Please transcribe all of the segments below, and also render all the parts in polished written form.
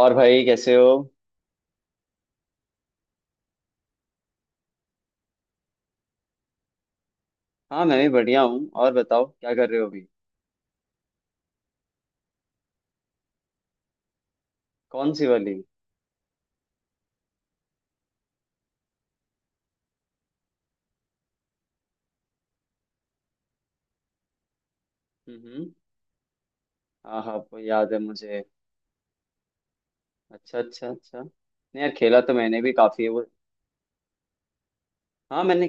और भाई कैसे हो? हाँ, मैं भी बढ़िया हूँ। और बताओ क्या कर रहे हो अभी? कौन सी वाली? हम्म। हाँ हाँ, वो याद है मुझे। अच्छा अच्छा अच्छा, नहीं यार, खेला तो मैंने भी काफी है वो। हाँ मैंने,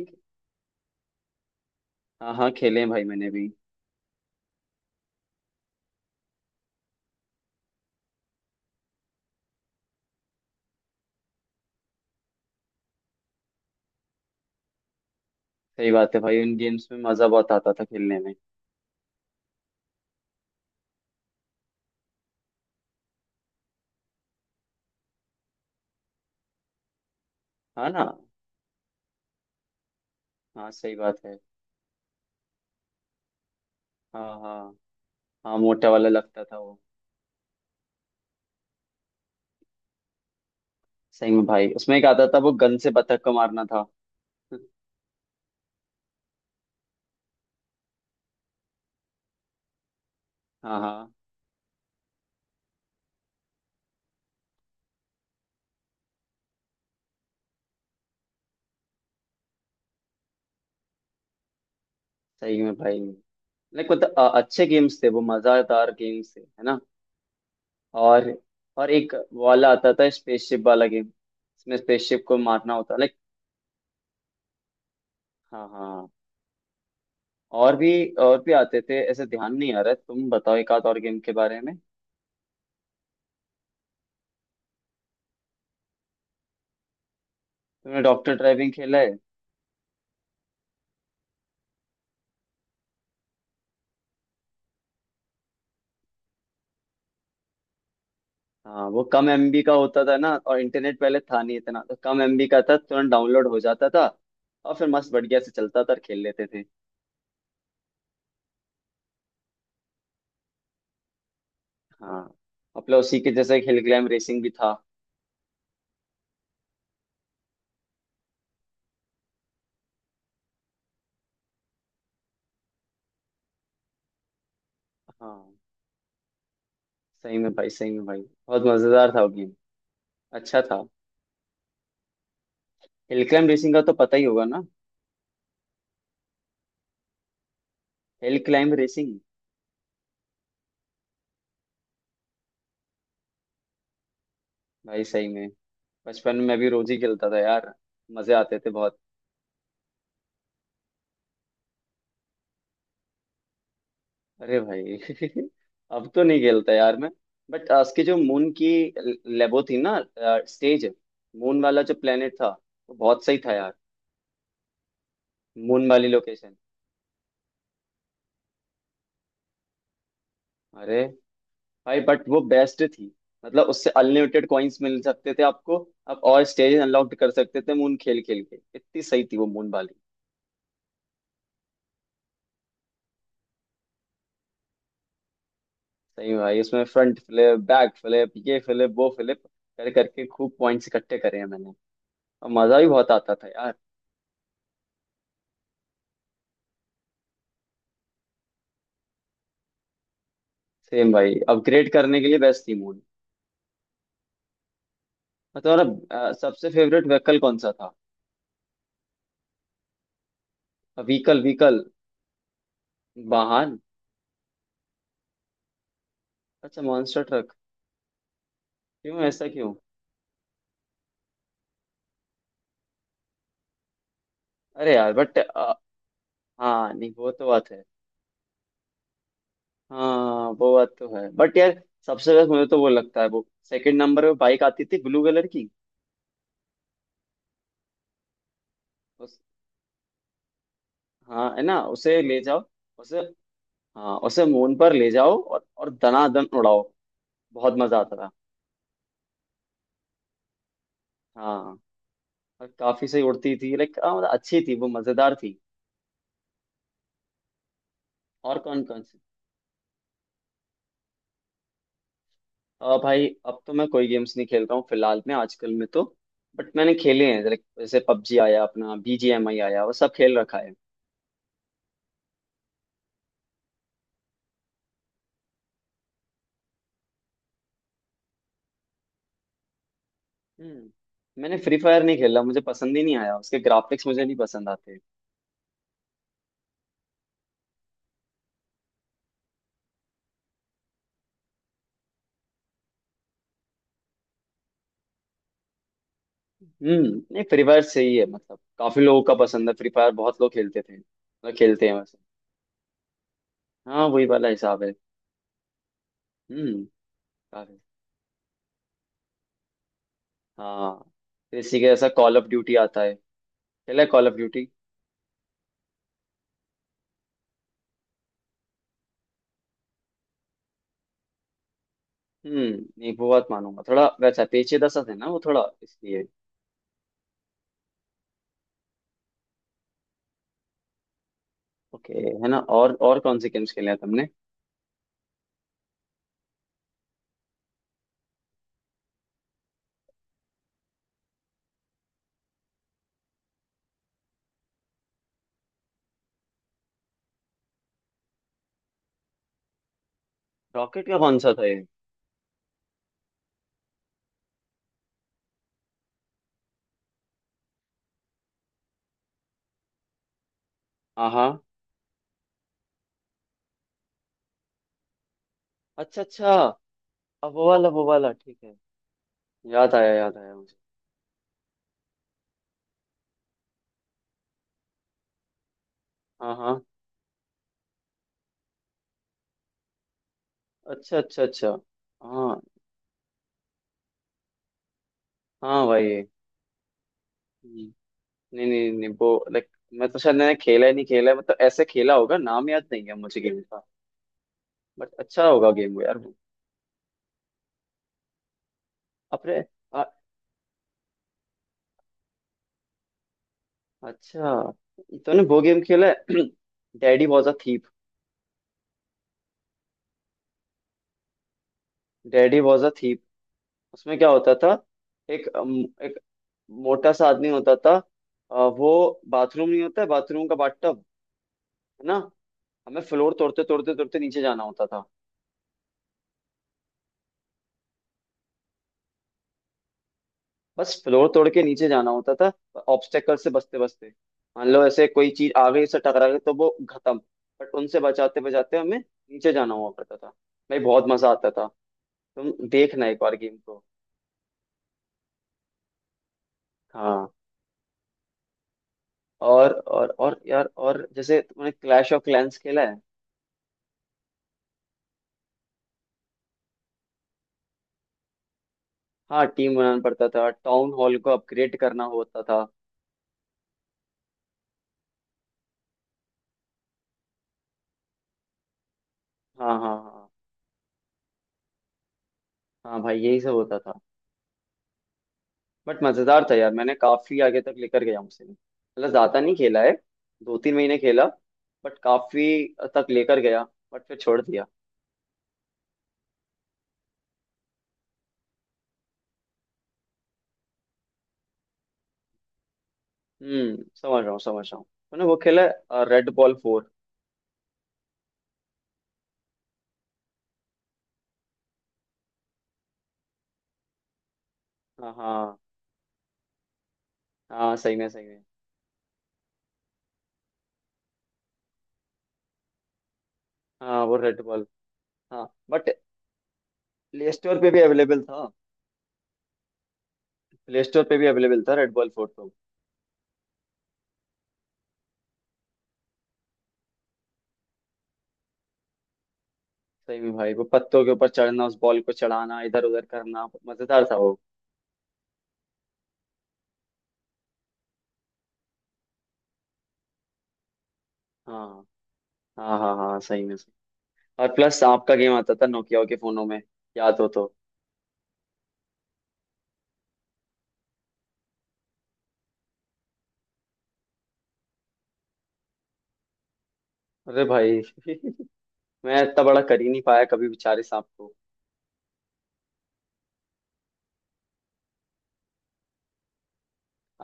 हाँ हाँ, खेले हैं भाई मैंने भी। सही बात है भाई, उन गेम्स में मजा बहुत आता था खेलने में। हाँ ना। हाँ सही बात है। हाँ हाँ। हाँ मोटा वाला लगता था वो। सही में भाई, उसमें एक आता था वो गन से बतख को मारना था। हाँ हाँ। सही में भाई, लाइक मतलब अच्छे गेम्स थे वो, मजेदार गेम्स थे है ना। और एक वाला आता था स्पेसशिप वाला गेम, इसमें स्पेसशिप को मारना होता लाइक। हाँ हाँ हाँ। और भी, और भी आते थे ऐसे, ध्यान नहीं आ रहा है। तुम बताओ एक आध और गेम के बारे में। तुमने डॉक्टर ड्राइविंग खेला है? हाँ, वो कम एमबी का होता था ना, और इंटरनेट पहले था नहीं इतना, तो कम एमबी का था, तुरंत डाउनलोड हो जाता था। और फिर मस्त बढ़िया से चलता था और खेल लेते थे। हाँ। अपना उसी के जैसे हिल क्लाइंब रेसिंग भी था। हाँ सही में भाई, सही में भाई, बहुत मजेदार था वो गेम। अच्छा था। हिल क्लाइंब रेसिंग का तो पता ही होगा ना? Hill climb racing. भाई सही में, बचपन में भी रोज ही खेलता था यार, मजे आते थे बहुत। अरे भाई अब तो नहीं खेलता यार मैं। बट उसकी जो मून की लेबो थी ना, स्टेज, मून वाला जो प्लेनेट था, वो बहुत सही था यार। मून वाली लोकेशन। अरे भाई, बट वो बेस्ट थी। मतलब उससे अनलिमिटेड कॉइन्स मिल सकते थे आपको, आप और स्टेज अनलॉक कर सकते थे मून खेल खेल के, इतनी सही थी वो मून वाली। सही में भाई, इसमें फ्रंट फ्लिप, बैक फ्लिप, ये फ्लिप, वो फ्लिप कर करके खूब पॉइंट्स इकट्ठे करे हैं मैंने। और मजा भी बहुत आता था यार। सेम भाई, अपग्रेड करने के लिए बेस्ट थी मूड। और तुम्हारा सबसे फेवरेट व्हीकल कौन सा था? Vehicle vehicle. वाहन। अच्छा, मॉन्स्टर ट्रक। क्यों, ऐसा क्यों? अरे यार बट, हाँ नहीं वो तो बात है। हाँ वो बात तो है, बट यार सबसे बेस्ट मुझे तो वो लगता है, वो सेकंड नंबर पे बाइक आती थी ब्लू कलर की। उस, हाँ है ना, उसे ले जाओ। उसे, हाँ उसे मून पर ले जाओ और दनादन उड़ाओ, बहुत मजा आता था। हाँ। और काफी सही उड़ती थी, लाइक मतलब अच्छी थी वो, मजेदार थी। और कौन कौन सी? भाई अब तो मैं कोई गेम्स नहीं खेल रहा हूँ फिलहाल में, आजकल में तो। बट मैंने खेले हैं, लाइक जैसे पबजी आया, अपना बीजीएमआई आया, वो सब खेल रखा है। हम्म। मैंने फ्री फायर नहीं खेला, मुझे पसंद ही नहीं आया, उसके ग्राफिक्स मुझे नहीं पसंद आते। हम्म। नहीं, फ्री फायर सही है, मतलब काफी लोगों का पसंद है फ्री फायर, बहुत लोग खेलते थे, मतलब खेलते हैं वैसे। हाँ, वही वाला हिसाब है। हम्म। काफी। हाँ। फिर इसी के जैसा कॉल ऑफ ड्यूटी आता है, खेला है कॉल ऑफ ड्यूटी? हम्म। नहीं, वो बात मानूंगा, थोड़ा वैसा पेचीदा सा था ना वो थोड़ा, इसलिए। ओके। है ना। और कौन से गेम्स खेले हैं तुमने? रॉकेट का कौन सा था ये? हाँ हाँ। अच्छा अच्छा। अब वो वाला, वो वाला ठीक है, याद आया, याद आया मुझे। हाँ हाँ। अच्छा अच्छा अच्छा। हाँ। हाँ भाई। हम्म, नहीं नहीं नहीं, वो लाइक मैं तो शायद, मैंने खेला ही नहीं, खेला है मतलब ऐसे, खेला होगा, नाम याद नहीं है मुझे गेम का। बट अच्छा होगा गेम वो यार वो। अपने, अच्छा, ये तूने वो गेम खेला है? Daddy was a thief. Daddy was a thief. उसमें क्या होता था, एक एक मोटा सा आदमी होता था। वो बाथरूम, नहीं होता है बाथरूम का बाथटब, है ना। हमें फ्लोर तोड़ते तोड़ते तोड़ते नीचे जाना होता था। बस फ्लोर तोड़ के नीचे जाना होता था, ऑब्स्टेकल से बचते बचते। मान लो ऐसे कोई चीज आगे से टकरा गई तो वो खत्म। बट उनसे बचाते बचाते हमें नीचे जाना हुआ करता था। भाई बहुत मजा आता था। तुम देखना एक बार गेम को। हाँ। और और यार, और जैसे तुमने क्लैश ऑफ क्लैंस खेला है? हाँ टीम बनाना पड़ता था, टाउन हॉल को अपग्रेड करना होता था। हाँ हाँ हाँ। हाँ भाई यही सब होता था। बट मजेदार था यार, मैंने काफी आगे तक लेकर गया उसे, मतलब ज्यादा नहीं खेला है, दो तीन महीने खेला, बट काफी तक लेकर गया, बट फिर छोड़ दिया। हम्म, समझ रहा हूँ, समझ रहा हूँ। मैंने वो खेला है, रेड बॉल फोर। हाँ हाँ हाँ, सही में, सही में। हाँ वो रेड बॉल। हाँ बट प्ले स्टोर पे भी अवेलेबल था, प्ले स्टोर पे भी अवेलेबल था रेड बॉल फोटो। सही में भाई, वो पत्तों के ऊपर चढ़ना, उस बॉल को चढ़ाना, इधर उधर करना, मजेदार था वो। हाँ हाँ हाँ। हाँ सही में, सही। और प्लस सांप का गेम आता था नोकिया के फोनों में, याद हो तो? अरे भाई मैं इतना बड़ा कर ही नहीं पाया कभी बेचारे सांप को।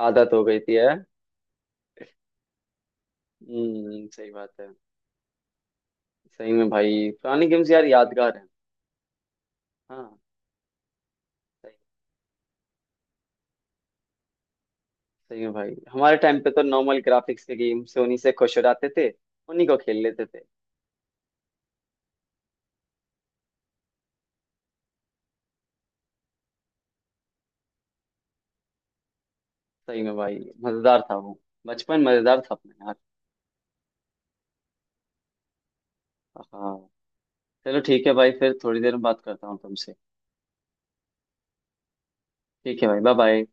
आदत हो गई थी है। हम्म, सही बात है। सही में भाई, पुराने गेम्स यार यादगार हैं। हाँ। सही। सही में भाई, हमारे टाइम पे तो नॉर्मल ग्राफिक्स के गेम से उन्हीं से खुश हो जाते थे, उन्हीं को खेल लेते थे। सही में भाई, मजेदार था वो, बचपन मजेदार था अपना यार। हाँ। चलो, ठीक है भाई, फिर थोड़ी देर में बात करता हूँ तुमसे। ठीक है भाई, बाय बाय।